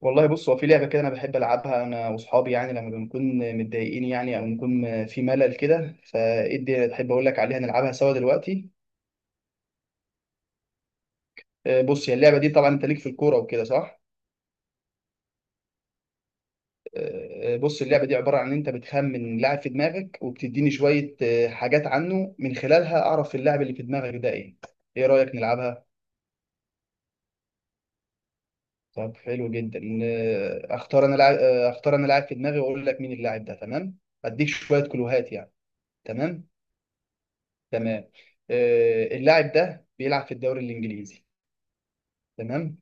والله بص هو في لعبة كده، أنا بحب ألعبها أنا وأصحابي، يعني لما بنكون متضايقين يعني أو بنكون في ملل كده، فإدي بحب أقول لك عليها نلعبها سوا دلوقتي. بص هي اللعبة دي طبعا، أنت ليك في الكورة وكده صح؟ بص اللعبة دي عبارة عن إن أنت بتخمن لاعب في دماغك وبتديني شوية حاجات عنه من خلالها أعرف اللاعب اللي في دماغك ده إيه؟ إيه رأيك نلعبها؟ طب حلو جدا. أختار أنا لاعب، في دماغي وأقول لك مين اللاعب ده، تمام؟ أديك شوية كلوهات يعني. تمام؟ تمام. اللاعب ده بيلعب في الدوري الانجليزي. تمام.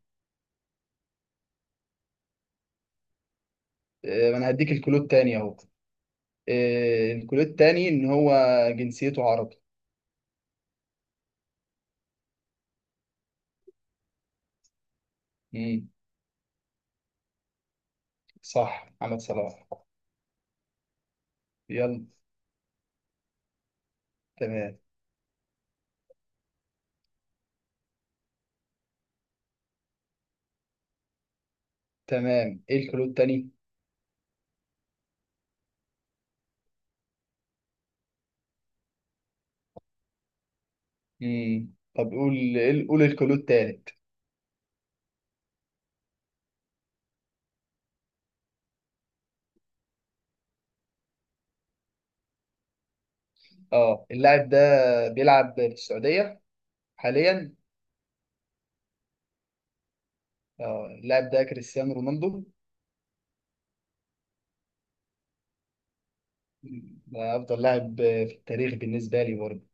انا هديك الكلود تاني اهو. الكلود التاني ان هو جنسيته عربي. امم. صح محمد صلاح. يلا. تمام. تمام ايه الكلود التاني. طب قول قول قول الكلود التالت. اه اللاعب ده بيلعب في السعودية حاليا. اه اللاعب ده كريستيانو رونالدو. ده افضل لاعب في التاريخ بالنسبة لي برضه.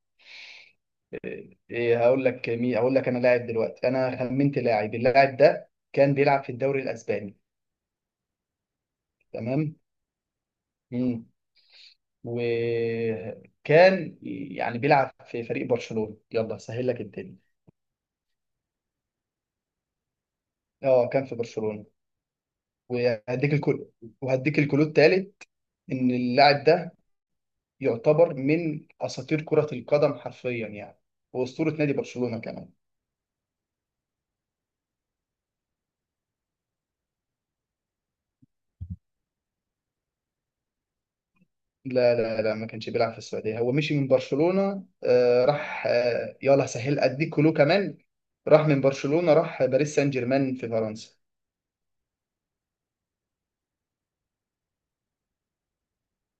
إيه هقول لك مين، هقول لك انا لاعب دلوقتي، انا خمنت لاعب. اللاعب ده كان بيلعب في الدوري الاسباني. تمام. مم. وكان يعني بيلعب في فريق برشلونة، يلا سهل لك الدنيا. اه كان في برشلونة. وهديك الكل وهديك الكلود التالت. ان اللاعب ده يعتبر من اساطير كرة القدم حرفيا يعني، واسطورة نادي برشلونة كمان. لا لا لا، ما كانش بيلعب في السعودية، هو مشي من برشلونة. راح. يلا سهل أديك كلو كمان. راح من برشلونة، راح باريس سان جيرمان في فرنسا.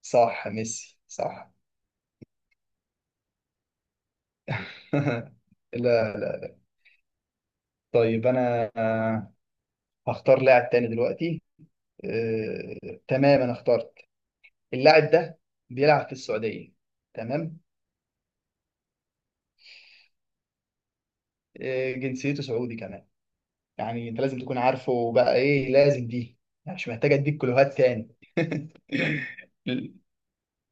صح ميسي صح. لا. طيب أنا هختار لاعب تاني دلوقتي. آه تمام أنا اخترت. اللاعب ده بيلعب في السعودية. تمام. جنسيته سعودي كمان. يعني أنت لازم تكون عارفه بقى إيه لازم دي، يعني مش محتاج أديك كلوهات تاني.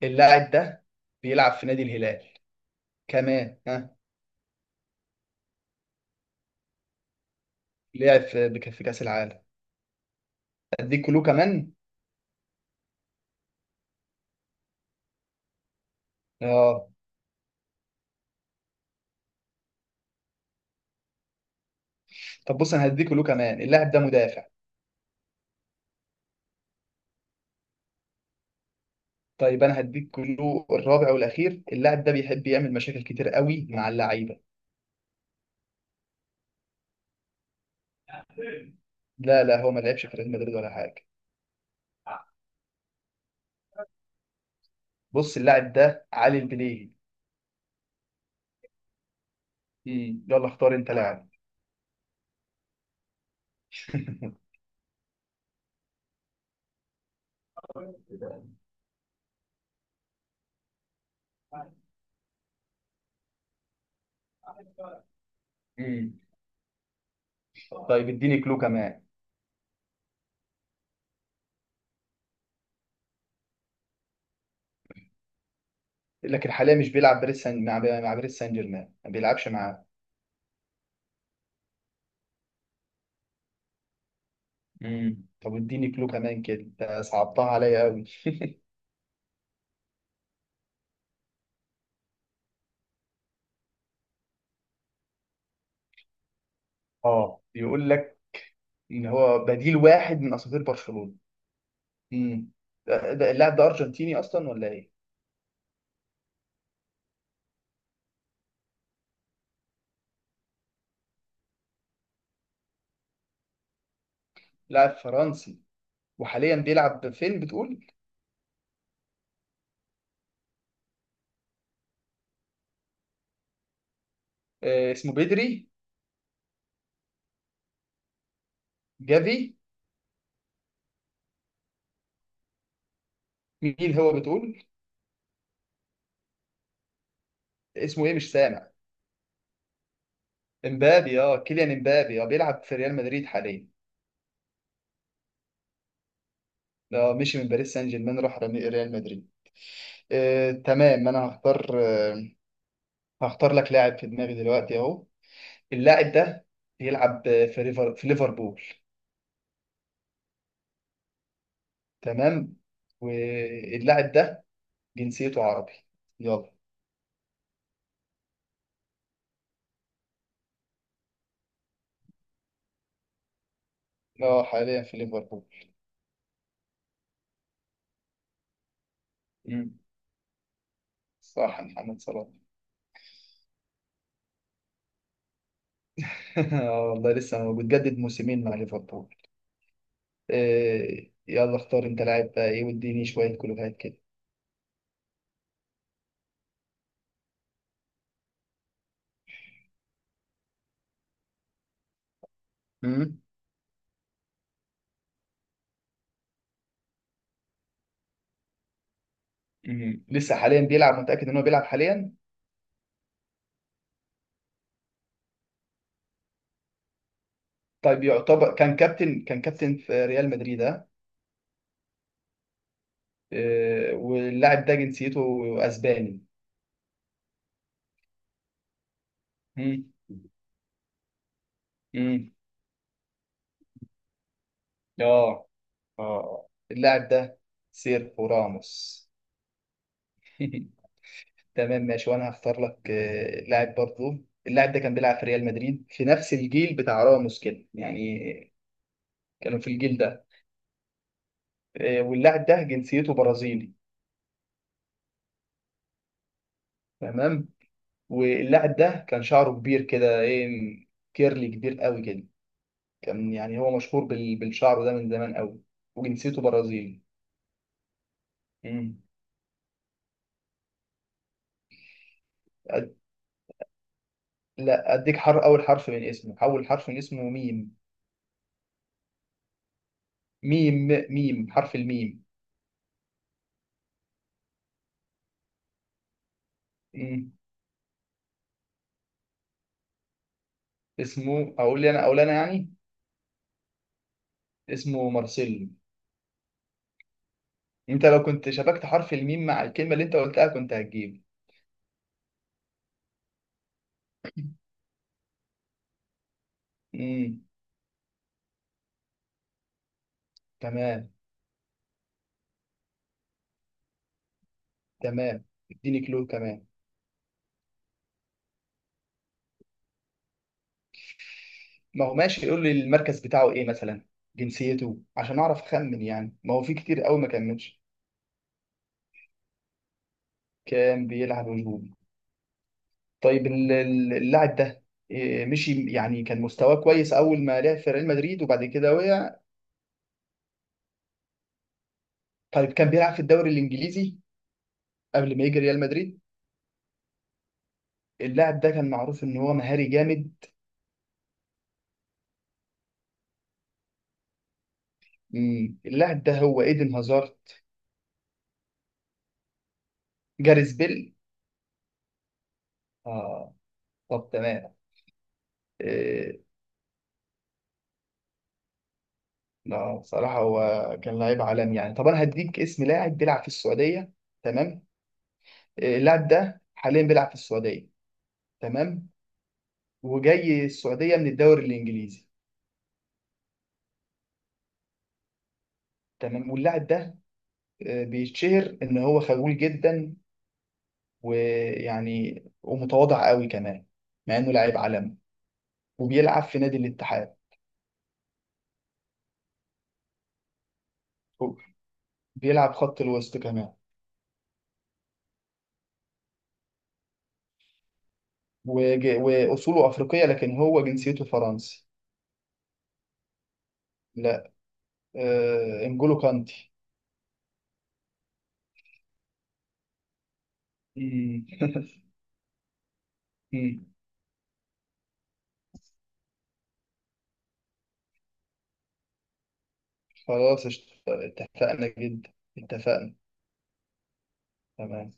اللاعب ده بيلعب في نادي الهلال كمان ها. لعب في كأس العالم. اديك كلو كمان. اه طب بص، انا هديك كلو كمان، اللاعب ده مدافع. طيب انا هديك كلو الرابع والاخير، اللاعب ده بيحب يعمل مشاكل كتير قوي مع اللعيبه. لا لا، هو ما لعبش في ريال مدريد ولا حاجه. بص اللاعب ده علي البليهي. مم. يلا اختار انت لاعب. مم. طيب اديني كلو كمان. لكن حاليا مش بيلعب باريس سان، مع باريس سان جيرمان، ما بيلعبش مع. مم. طب اديني كلو كمان، كده انت صعبتها عليا قوي. اه بيقول لك ان هو بديل واحد من اساطير برشلونة. امم اللاعب ده ارجنتيني اصلا ولا ايه؟ لاعب فرنسي. وحاليا بيلعب فين بتقول؟ اسمه بدري. جافي. مين هو بتقول؟ اسمه ايه مش سامع. امبابي. اه كيليان امبابي، اه بيلعب في ريال مدريد حاليا. اه مشي من باريس سان جيرمان راح ريال مدريد. تمام، انا هختار. هختار لك لاعب في دماغي دلوقتي اهو. اللاعب ده بيلعب في ليفربول. تمام. واللاعب ده جنسيته عربي. يلا. اه حاليا في ليفربول. مم. صح محمد صلاح. اه والله لسه موجود. جدد موسمين مع ليفربول. إيه يلا اختار انت لاعب بقى ايه، واديني شويه كلوهات كده. مم. مم. لسه حاليا بيلعب، متاكد ان هو بيلعب حاليا؟ طيب يعتبر، كان كابتن في ريال مدريد ها. إيه واللاعب ده جنسيته اسباني. مم. امم. اه، اه اللاعب ده سيرخو راموس. تمام ماشي، وانا هختار لك لاعب برضو. اللاعب ده كان بيلعب في ريال مدريد في نفس الجيل بتاع راموس كده يعني، كانوا في الجيل ده. واللاعب ده جنسيته برازيلي. تمام. واللاعب ده كان شعره كبير كده ايه، كيرلي كبير قوي كده، كان يعني هو مشهور بالشعر ده من زمان قوي. وجنسيته برازيلي. مم. أد- لا، اديك حر اول حرف من اسمه، اول حرف من اسمه ميم. ميم حرف الميم. مم. اسمه، اقول لي انا، اقول انا يعني. اسمه مارسيلو. انت لو كنت شبكت حرف الميم مع الكلمه اللي انت قلتها كنت هتجيب. امم. تمام. تمام اديني كلو كمان. ما هو ماشي، يقول لي المركز بتاعه ايه مثلا، جنسيته عشان اعرف اخمن يعني، ما هو في كتير قوي ما كملش. كان بيلعب هجوم. طيب اللاعب ده إيه، مشي يعني كان مستواه كويس اول ما لعب في ريال مدريد وبعد كده وقع. طيب كان بيلعب في الدوري الانجليزي قبل ما يجي ريال مدريد. اللاعب ده كان معروف ان هو مهاري جامد. مم. اللاعب ده هو ايدن هازارد. جاريث بيل. اه طب تمام. إيه. لا، بصراحة هو كان لعيب عالمي يعني. طب انا هديك اسم لاعب بيلعب في السعودية. تمام. إيه، اللاعب ده حاليا بيلعب في السعودية. تمام. وجاي السعودية من الدوري الانجليزي. تمام. واللاعب ده بيتشهر ان هو خجول جدا، ويعني ومتواضع قوي كمان مع انه لاعب عالمي، وبيلعب في نادي الاتحاد. بيلعب خط الوسط كمان. وأصوله أفريقية لكن هو جنسيته فرنسي. لا، إنجولو كانتي. مم. مم. خلاص اتفقنا جدا. اتفقنا. تمام.